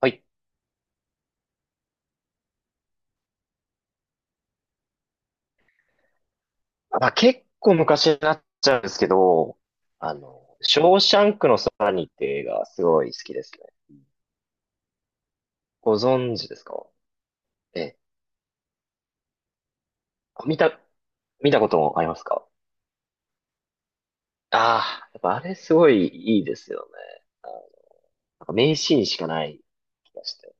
はい。まあ、結構昔になっちゃうんですけど、ショーシャンクの空にって映画すごい好きですね。ご存知ですか？ええ。あ見た、見たこともありますか？ああー、やっぱあれすごいいいですよね。なんか名シーンしかない気がして。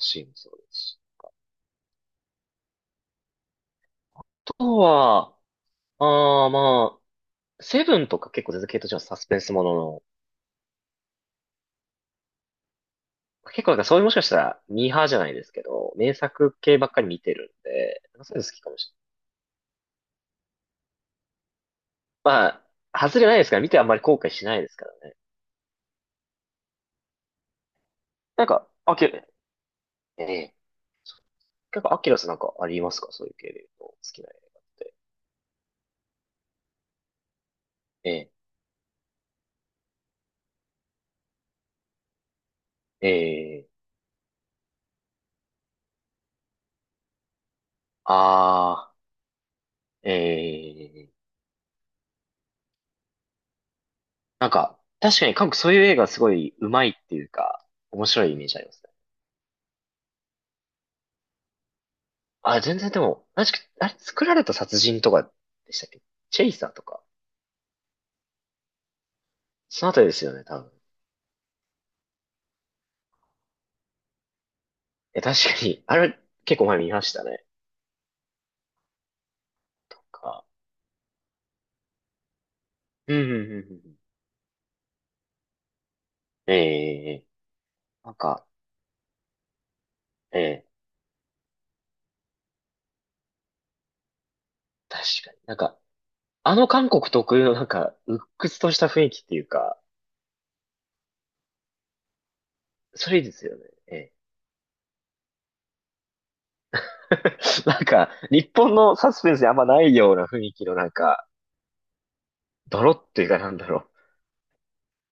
シーンもそうですし。あとは、まあ、セブンとか結構続けとしてはサスペンスものの、結構なんかそういうもしかしたらミーハーじゃないですけど、名作系ばっかり見てるんで、そういうの好きかもしれない。まあ、外れないですから、見てあんまり後悔しないですからね。なんか、ええ。なんかアキラさんなんかありますか？そういう系で言うと、好きな映画って。ええ、ええ、ああ、ええ。なんか、確かに韓国そういう映画すごい上手いっていうか、面白いイメージありますね。あ、全然でも、確か、あれ作られた殺人とかでしたっけ？チェイサーとか。そのあたりですよね、多分。え、確かに、あれ結構前見ましたね。とか。うん、うん、うん、うん。ええ、なんか、ええ。確かに。なんか、韓国特有のなんか、鬱屈とした雰囲気っていうか、それいいですよね。ええ。なんか、日本のサスペンスにあんまないような雰囲気のなんか、ドロっていうかなんだろう。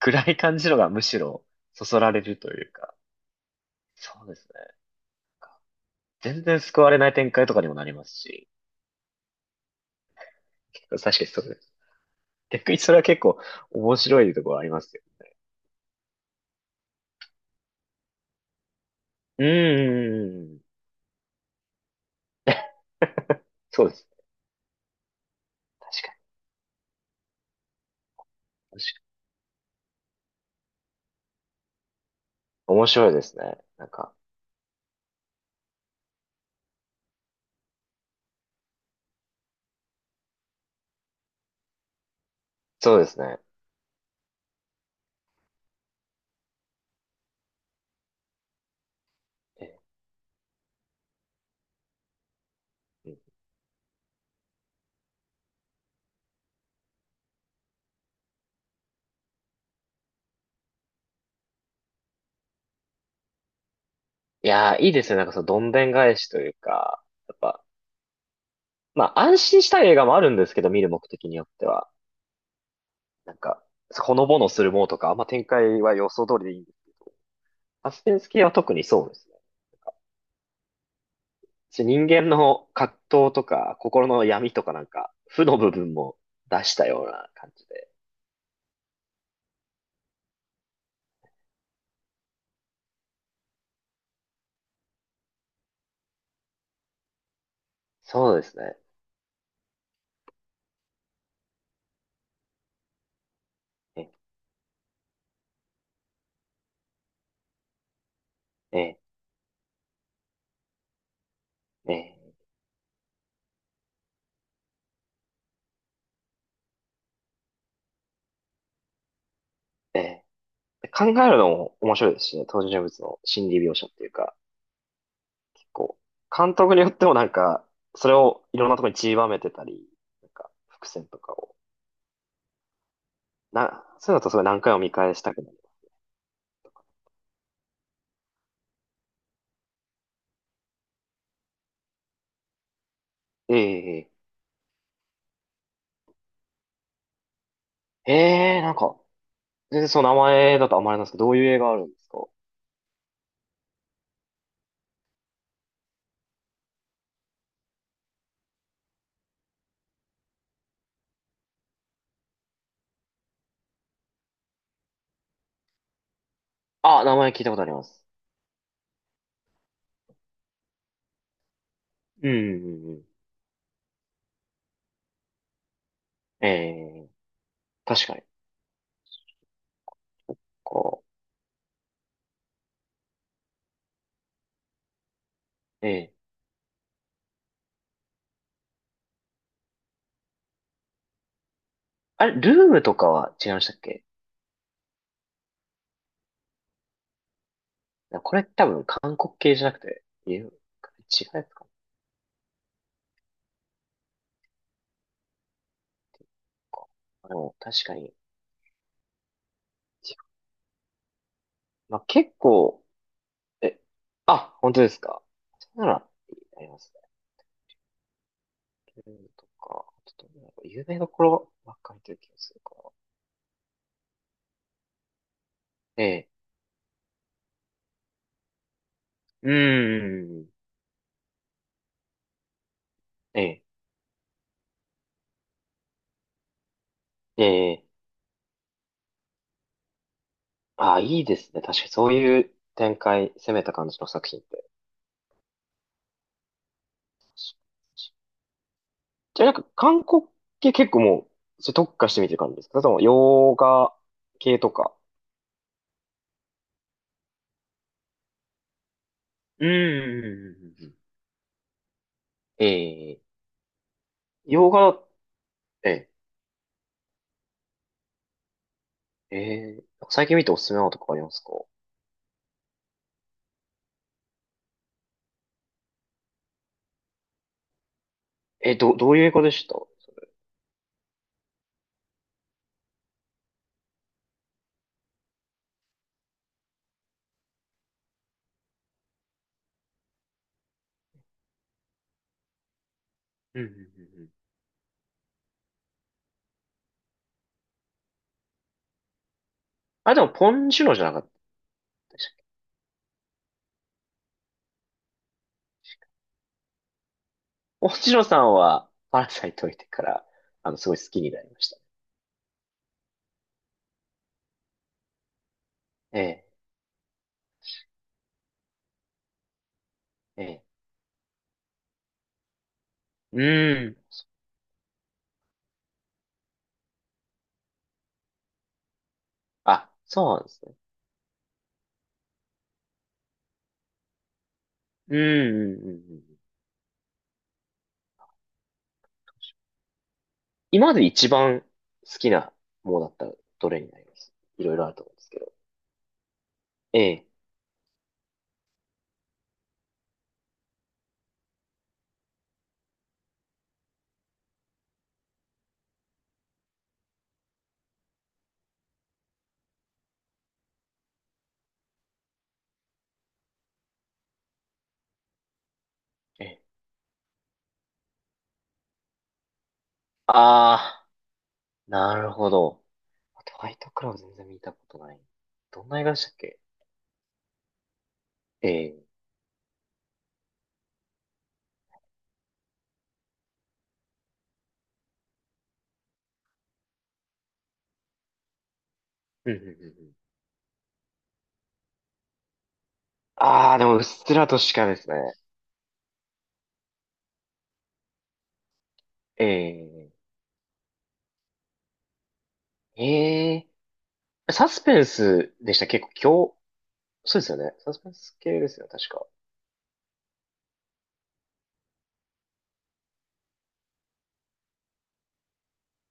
暗い感じのがむしろ、そそられるというか。そうですね。なんか全然救われない展開とかにもなりますし。確かにそうです。逆にそれは結構面白いところありますよ。うーん。そうです。確かに。確かに。面白いですね。なんか、そうですね。ええ、いやー、いいですね。なんかそのどんでん返しというか、やっぱ、まあ安心したい映画もあるんですけど、見る目的によっては。なんか、ほのぼのするものとか、あんま展開は予想通りでいいんです。サスペンス系は特にそうですね。し人間の葛藤とか、心の闇とかなんか、負の部分も出したような感じで。そうですね。え、え、え、え。え考えるのも面白いですしね。登場人物の心理描写っていうか。こう、監督によってもなんか、それをいろんなところに散りばめてたり、なんか、伏線とかを、そういうのとすごい何回も見返したくなる。ええ、ええ、なんか、全然その名前だとあんまりなんですけど、どういう映画あるんですか？あ、名前聞いたことあります。うん、うん、うん。ええ、確かに。こう、ええ、あれ、ルームとかは違いましたっけ？これ多分韓国系じゃなくて、いう違うやつかな。あの、確かに。まあ、結構、え、あ、本当ですか？それなら、ありますね。ルールとか、ちょっとなんか有名どころばっかりという気がするから。ええ。うーん。ええ。ええ。あ、いいですね。確かにそういう展開、攻めた感じの作品って。じゃあなんか韓国系結構もう、それ特化してみてる感じですか？それとも洋画系とか。うーん。うんうんうん、ええ。洋画、ええ。ええ。最近見ておすすめなのとかありますか？え、どういう映画でした？うん、うん、うん、うん、あ、でも、ポンジュノじゃなかった。ポンジュノさんは、パラサイト見てから、あの、すごい好きになりましたね。ええ、ええ。うん。あ、そうなんですね。うん、うん、うん。うん、今まで一番好きなものだったら、どれになります？いろいろあると思うんですけど。ええ、ええ。ああ、なるほど。トワイトクラブ全然見たことない。どんな映画でしたっけ？ええ、うん、うん、うん。うん、ああ、でも、うっすらとしかですね。ええ、ええ。サスペンスでした。結構今日、そうですよね。サスペンス系ですよ、確か。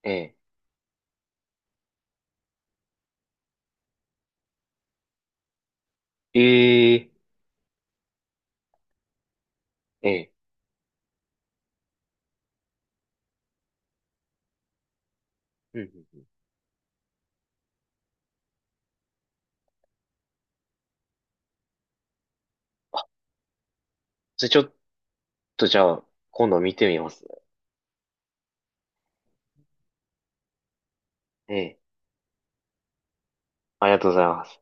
ええ。ええ。ええ。うんうんうん。じゃあちょっとじゃあ、今度見てみますね。ええ。ありがとうございます。